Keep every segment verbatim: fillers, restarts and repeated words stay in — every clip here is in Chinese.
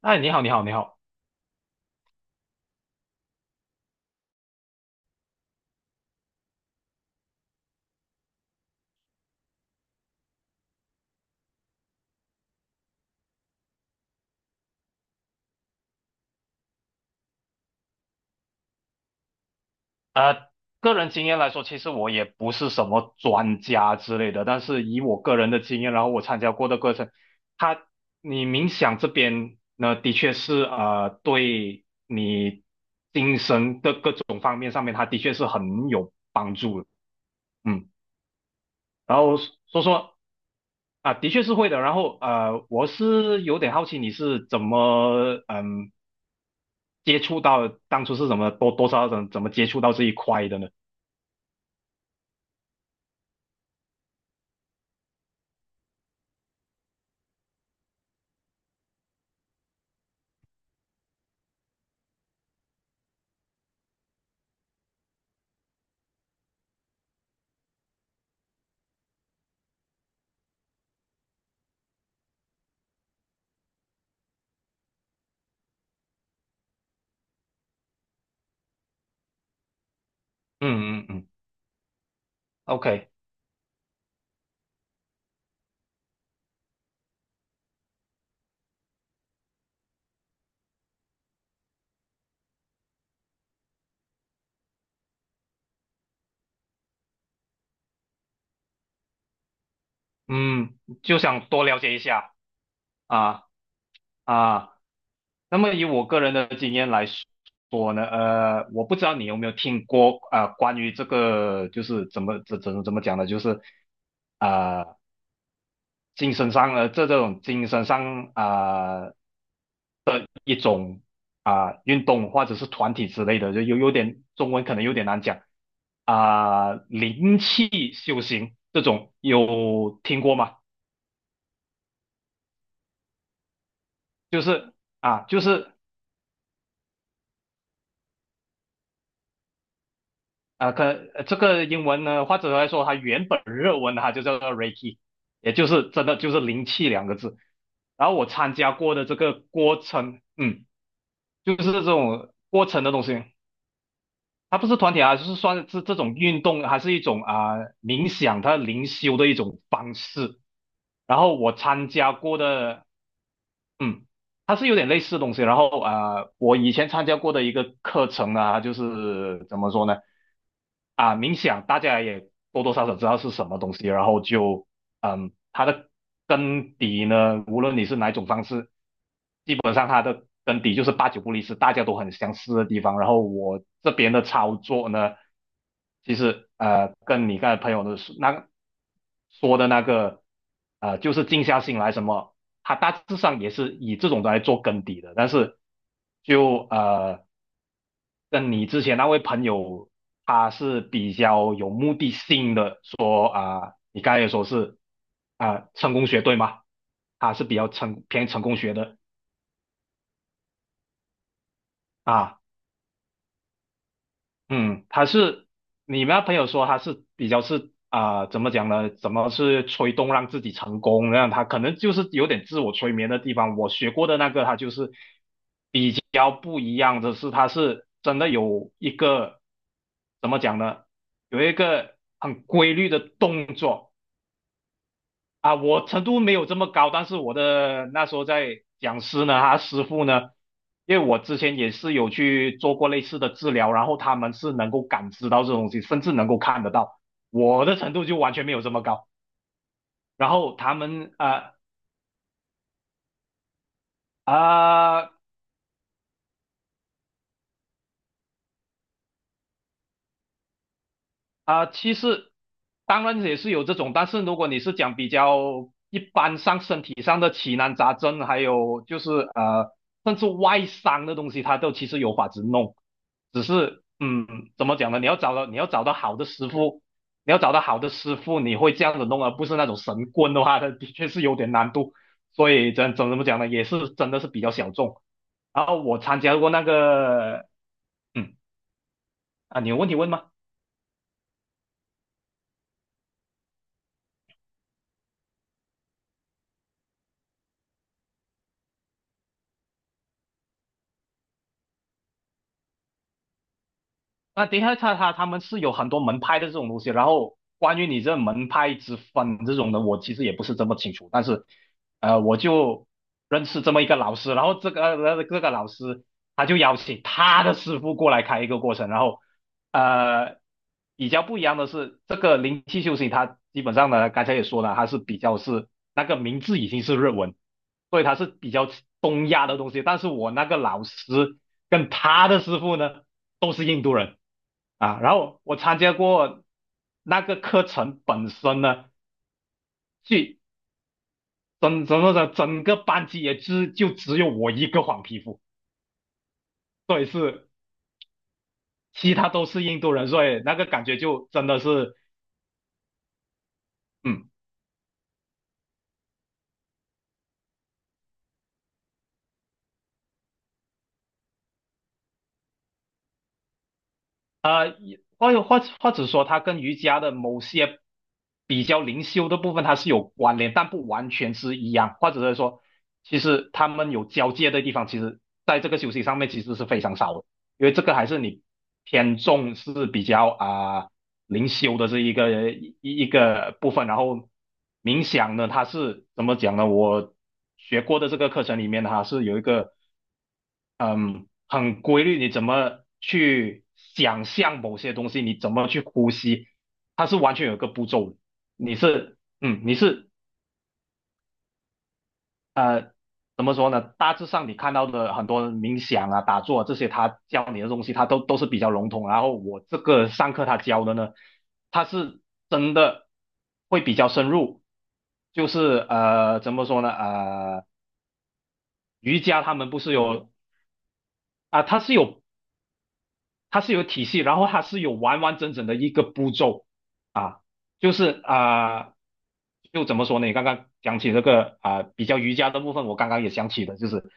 哎，你好，你好，你好。呃，个人经验来说，其实我也不是什么专家之类的，但是以我个人的经验，然后我参加过的课程，它你冥想这边呢，的确是呃，对你精神的各种方面上面，它的确是很有帮助的。嗯，然后说说啊，的确是会的。然后呃，我是有点好奇你是怎么嗯接触到，当初是怎么多多少少怎怎么接触到这一块的呢？嗯嗯嗯。OK，嗯，就想多了解一下啊啊。那么以我个人的经验来说呢，呃，我不知道你有没有听过啊、呃关于这个就是怎么怎怎怎么讲呢，就是啊、精神上呃这这种精神上啊、一种啊、运动或者是团体之类的，就有有点中文可能有点难讲啊、灵气修行这种有听过吗？就是啊，就是。啊、呃可呃这个英文呢，或者来说，它原本日文它就叫做 Reiki，也就是真的就是灵气两个字。然后我参加过的这个过程，嗯，就是这种过程的东西，它不是团体啊，就是算是这种运动，还是一种啊、呃冥想，它灵修的一种方式。然后我参加过的嗯，它是有点类似的东西。然后啊、呃我以前参加过的一个课程啊，就是怎么说呢？啊，冥想大家也多多少少知道是什么东西，然后就嗯，它的根底呢，无论你是哪一种方式，基本上它的根底就是八九不离十，大家都很相似的地方。然后我这边的操作呢，其实呃，跟你刚才朋友的那那说的那个呃，就是静下心来什么，他大致上也是以这种来做根底的。但是就呃，跟你之前那位朋友他是比较有目的性的说啊、呃你刚才也说是啊、呃成功学对吗？他是比较成偏成功学的啊。嗯，他是你们那朋友说他是比较是啊、怎么讲呢？怎么是催动让自己成功？那他可能就是有点自我催眠的地方。我学过的那个，他就是比较不一样的是，他是真的有一个怎么讲呢？有一个很规律的动作。啊，我程度没有这么高，但是我的那时候在讲师呢，他师傅呢，因为我之前也是有去做过类似的治疗，然后他们是能够感知到这东西，甚至能够看得到。我的程度就完全没有这么高，然后他们啊啊、呃啊啊，其实当然也是有这种，但是如果你是讲比较一般上身体上的奇难杂症，还有就是呃，甚至外伤的东西，它都其实有法子弄，只是嗯，怎么讲呢？你要找到你要找到好的师傅，你要找到好的师傅，你会这样子弄，而不是那种神棍的话，它的确是有点难度。所以怎怎怎么讲呢？也是真的是比较小众。然后我参加过那个，嗯啊，你有问题问吗？那等一下，他他他们是有很多门派的这种东西，然后关于你这门派之分这种的，我其实也不是这么清楚，但是呃，我就认识这么一个老师，然后这个呃这个老师他就邀请他的师傅过来开一个过程，然后呃比较不一样的是，这个灵气修行它基本上呢，刚才也说了，它是比较是那个名字已经是日文，所以它是比较东亚的东西，但是我那个老师。跟他的师傅呢都是印度人啊。然后我参加过那个课程本身呢，去整整个整个班级也只就只有我一个黄皮肤，所以是其他都是印度人，所以那个感觉就真的是嗯啊、呃，或或或者说，它跟瑜伽的某些比较灵修的部分它是有关联，但不完全是一样，或者是说，其实他们有交界的地方，其实在这个休息上面其实是非常少的，因为这个还是你偏重是比较啊、呃灵修的这一个一一个部分，然后冥想呢，它是怎么讲呢？我学过的这个课程里面，哈是有一个嗯，很规律，你怎么去想象某些东西，你怎么去呼吸，它是完全有一个步骤的。你是，嗯，你是呃，怎么说呢？大致上你看到的很多冥想啊、打坐啊这些，他教你的东西，他都都是比较笼统。然后我这个上课他教的呢，他是真的会比较深入，就是呃，怎么说呢？呃，瑜伽他们不是有啊，他是有。它是有体系，然后它是有完完整整的一个步骤，就是啊、呃就怎么说呢？你刚刚讲起这个啊、呃比较瑜伽的部分，我刚刚也想起的，就是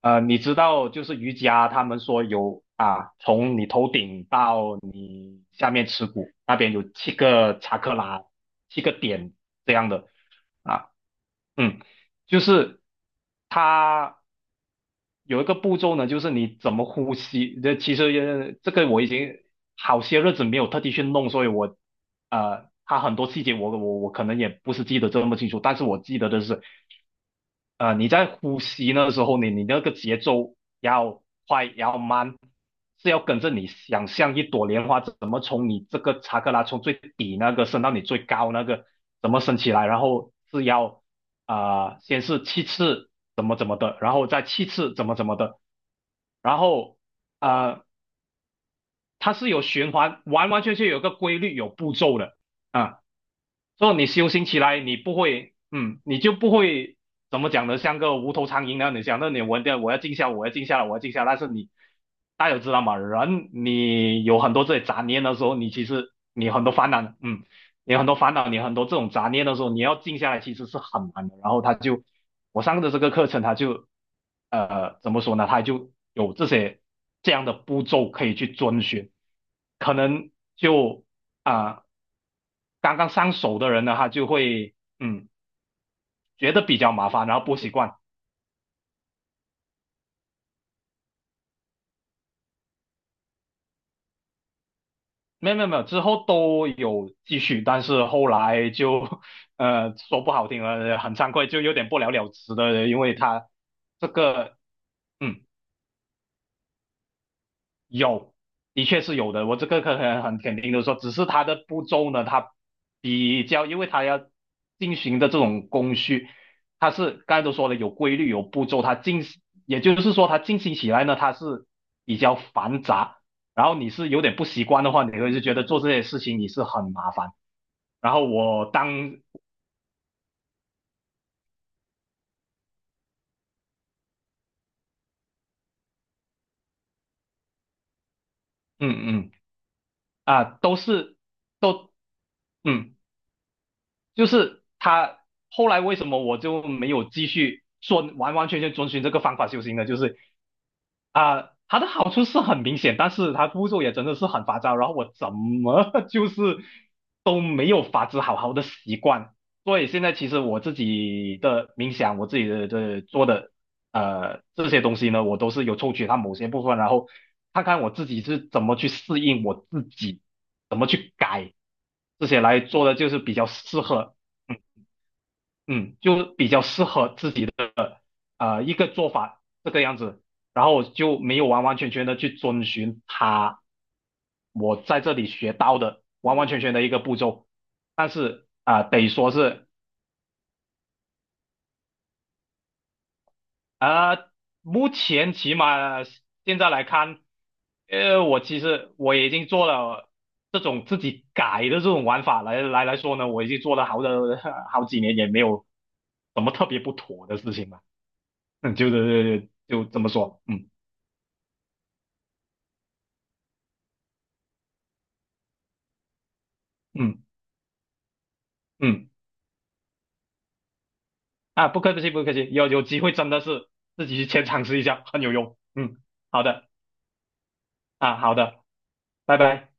呃，你知道，就是瑜伽他们说有啊，从你头顶到你下面耻骨那边有七个查克拉，七个点这样的啊，嗯，就是它。有一个步骤呢，就是你怎么呼吸。这其实呃这个我已经好些日子没有特地去弄，所以我呃，它很多细节我我我可能也不是记得这么清楚，但是我记得的是，呃，你在呼吸那时候，你你那个节奏要快要慢，是要跟着你想象一朵莲花怎么从你这个查克拉从最底那个升到你最高那个怎么升起来，然后是要啊、呃先是七次怎么怎么的，然后再七次怎么怎么的。然后呃，它是有循环，完完全全有个规律，有步骤的啊。所以你修行起来，你不会，嗯，你就不会怎么讲呢？像个无头苍蝇那样，你讲，那你我要我要静下，我要静下来，我要静下来。但是你大家有知道吗？人你有很多这些杂念的时候，你其实你很多烦恼，嗯，你很多烦恼，你很多这种杂念的时候，你要静下来其实是很难的。然后他就我上的这个课程，他就呃怎么说呢？他就有这些这样的步骤可以去遵循，可能就。啊、刚刚上手的人呢，他就会嗯觉得比较麻烦，然后不习惯。没有没有没有，之后都有继续，但是后来就 呃说不好听了，很惭愧，就有点不了了之的，因为他这个嗯有，的确是有的。我这个可很很肯定的说，只是它的步骤呢，它比较，因为它要进行的这种工序，它是刚才都说了有规律、有步骤，它进，也就是说它进行起来呢，它是比较繁杂。然后你是有点不习惯的话，你会就觉得做这些事情你是很麻烦。然后我当，嗯嗯啊，都是都，嗯。就是他后来为什么我就没有继续说完完全全遵循这个方法修行呢？就是啊、它的好处是很明显，但是它步骤也真的是很繁杂，然后我怎么 就是都没有法子好好的习惯。所以现在其实我自己的冥想，我自己的的做的呃这些东西呢，我都是有抽取它某些部分，然后看看我自己是怎么去适应我自己。怎么去改这些来做的，就是比较适合，嗯嗯，就比较适合自己的呃一个做法这个样子，然后我就没有完完全全的去遵循他我在这里学到的完完全全的一个步骤，但是啊、得说是啊、目前起码现在来看，呃，我其实我已经做了这种自己改的这种玩法来来来说呢，我已经做了好的 好几年，也没有什么特别不妥的事情吧。嗯，就是就这么说。嗯嗯嗯，啊，不客气不客气，有有机会真的是自己去先尝试一下，很有用。嗯，好的啊，好的，拜拜。